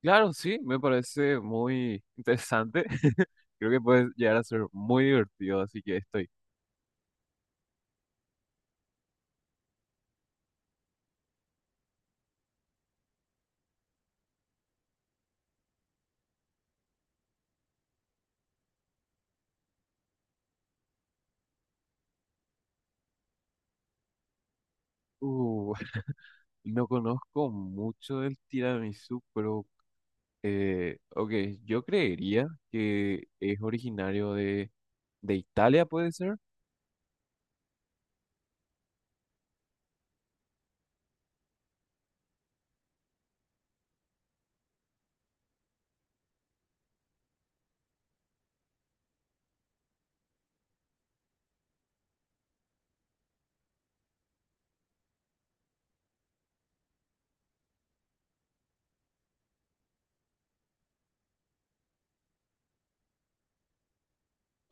Claro, sí, me parece muy interesante. Creo que puede llegar a ser muy divertido, así que estoy. Uh, no conozco mucho del tiramisú, pero ok, yo creería que es originario de Italia, ¿puede ser?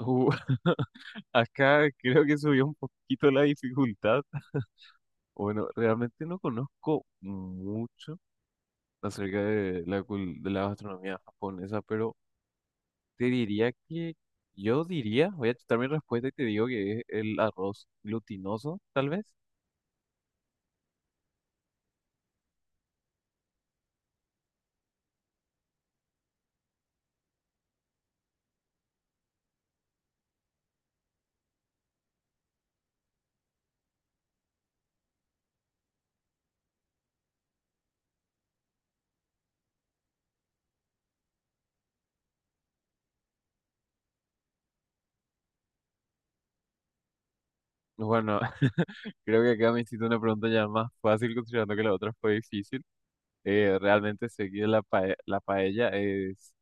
Uh, acá creo que subió un poquito la dificultad. Bueno, realmente no conozco mucho acerca de de la gastronomía japonesa, pero te diría que yo diría, voy a chutar mi respuesta y te digo que es el arroz glutinoso, tal vez. Bueno, creo que acá me hiciste una pregunta ya más fácil considerando que la otra fue difícil. Realmente sé que la paella es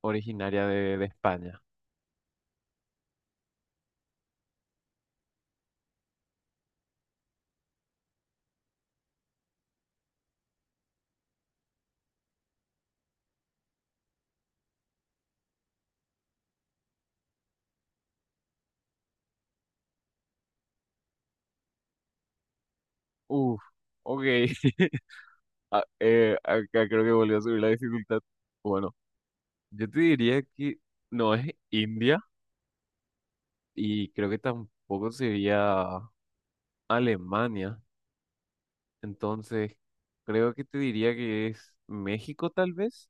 originaria de España. Uf, ok. Ah, acá creo que volvió a subir la dificultad. Bueno, yo te diría que no es India y creo que tampoco sería Alemania. Entonces, creo que te diría que es México, tal vez.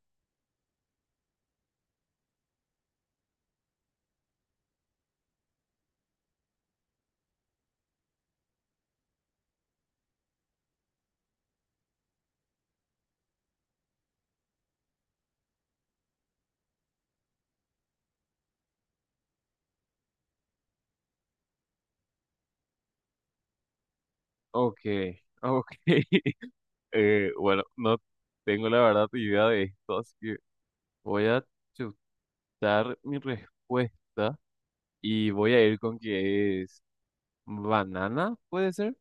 Ok, ok. Bueno, no tengo la verdad idea de esto, así que voy a chutar mi respuesta y voy a ir con que es banana, ¿puede ser?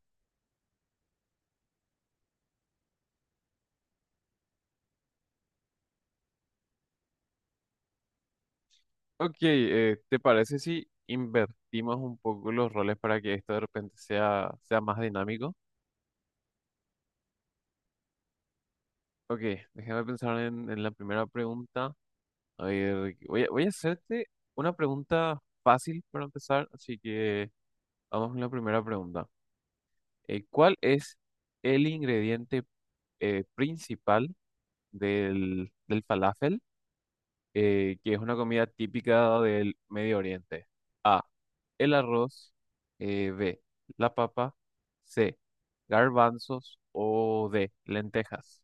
Ok, ¿te parece si invertimos un poco los roles para que esto de repente sea más dinámico? Ok, déjame pensar en la primera pregunta. Oye, Ricky, voy a hacerte una pregunta fácil para empezar, así que vamos con la primera pregunta. ¿Cuál es el ingrediente principal del falafel, que es una comida típica del Medio Oriente? A, el arroz, B, la papa, C, garbanzos o D, lentejas.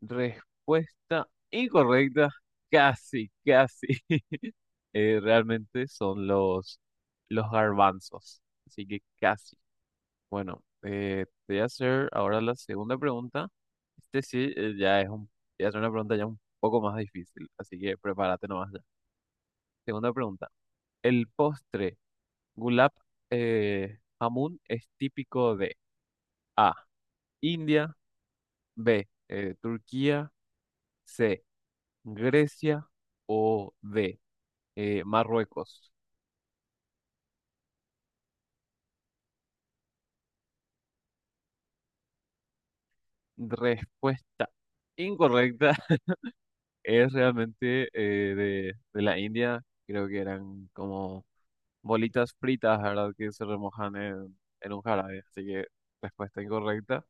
Respuesta incorrecta, casi, casi. Realmente son los garbanzos. Así que casi. Bueno, te voy a hacer ahora la segunda pregunta. Este sí, te voy a hacer una pregunta ya un poco más difícil, así que prepárate nomás ya. Segunda pregunta. El postre gulab jamun es típico de A, India, B, Turquía, C, Grecia o D, Marruecos. Respuesta incorrecta. Es realmente de la India, creo que eran como bolitas fritas, ¿verdad? Que se remojan en un jarabe. Así que respuesta incorrecta.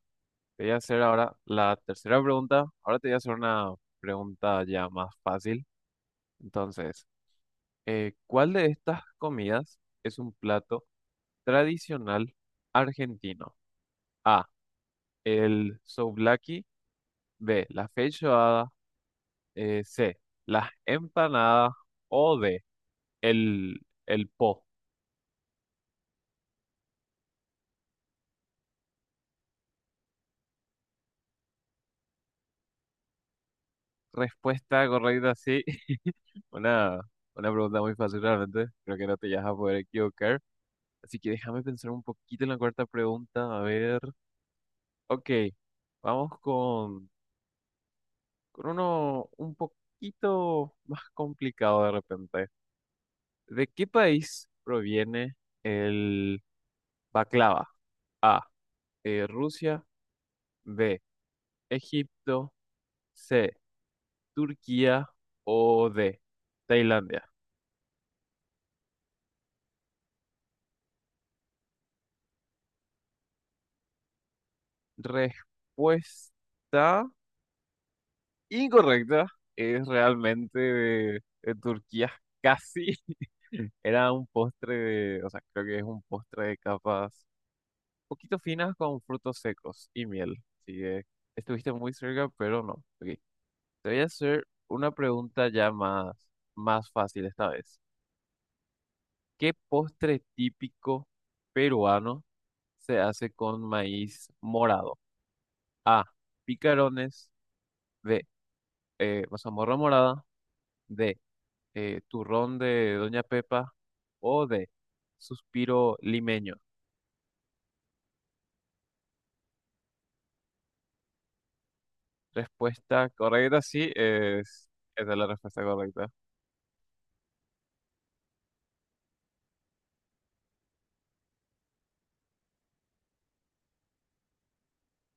Te voy a hacer ahora la tercera pregunta. Ahora te voy a hacer una pregunta ya más fácil. Entonces, ¿cuál de estas comidas es un plato tradicional argentino? A, el souvlaki. B, la feijoada. Eh, C, las empanadas. O D, El, el po. Respuesta correcta, sí. Una, una pregunta muy fácil realmente. Creo que no te vas a poder equivocar. Así que déjame pensar un poquito en la cuarta pregunta. A ver. Ok, vamos con uno un poquito más complicado de repente. ¿De qué país proviene el baklava? A. Rusia. B. Egipto. C. Turquía. O D. Tailandia. Respuesta incorrecta. Es realmente de Turquía. Casi. Era un postre de, o sea, creo que es un postre de capas poquito finas con frutos secos y miel. Así que estuviste muy cerca, pero no. Ok, te voy a hacer una pregunta ya más fácil esta vez. ¿Qué postre típico peruano se hace con maíz morado? A. Picarones. B. Mazamorra morada. De turrón de Doña Pepa o de suspiro limeño. Respuesta correcta, sí, esa es la respuesta correcta.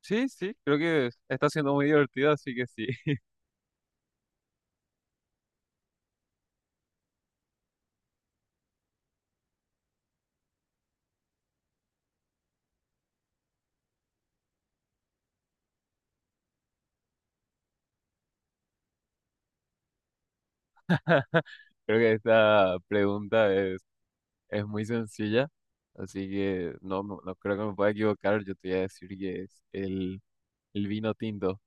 Sí, sí, creo que está siendo muy divertido, así que sí. Creo que esta pregunta es muy sencilla, así que no, no, no creo que me pueda equivocar. Yo te voy a decir que es el vino tinto.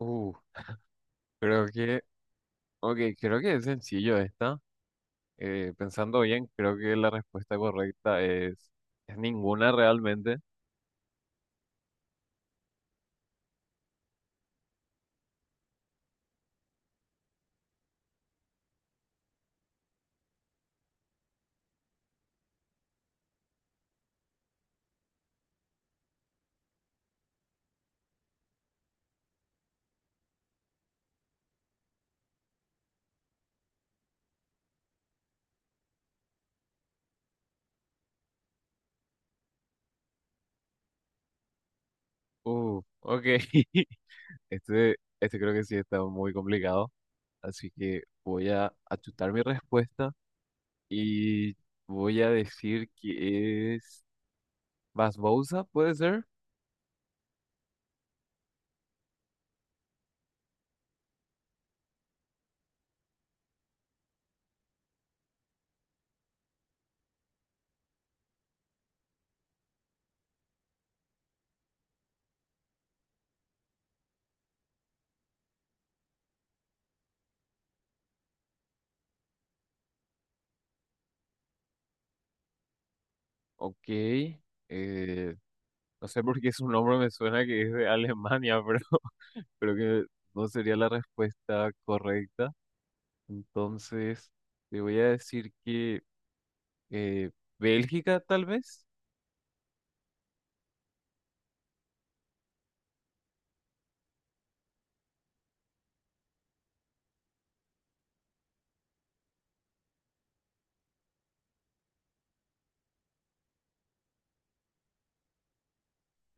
Uh, creo que, ok, creo que es sencillo esta. Pensando bien, creo que la respuesta correcta es ninguna realmente. Ok. Este creo que sí está muy complicado. Así que voy a achutar mi respuesta y voy a decir que es Basbousa, ¿puede ser? Ok. eh, no sé por qué su nombre me suena que es de Alemania, pero creo que no sería la respuesta correcta. Entonces, te voy a decir que... eh, Bélgica, tal vez.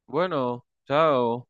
Bueno, chao.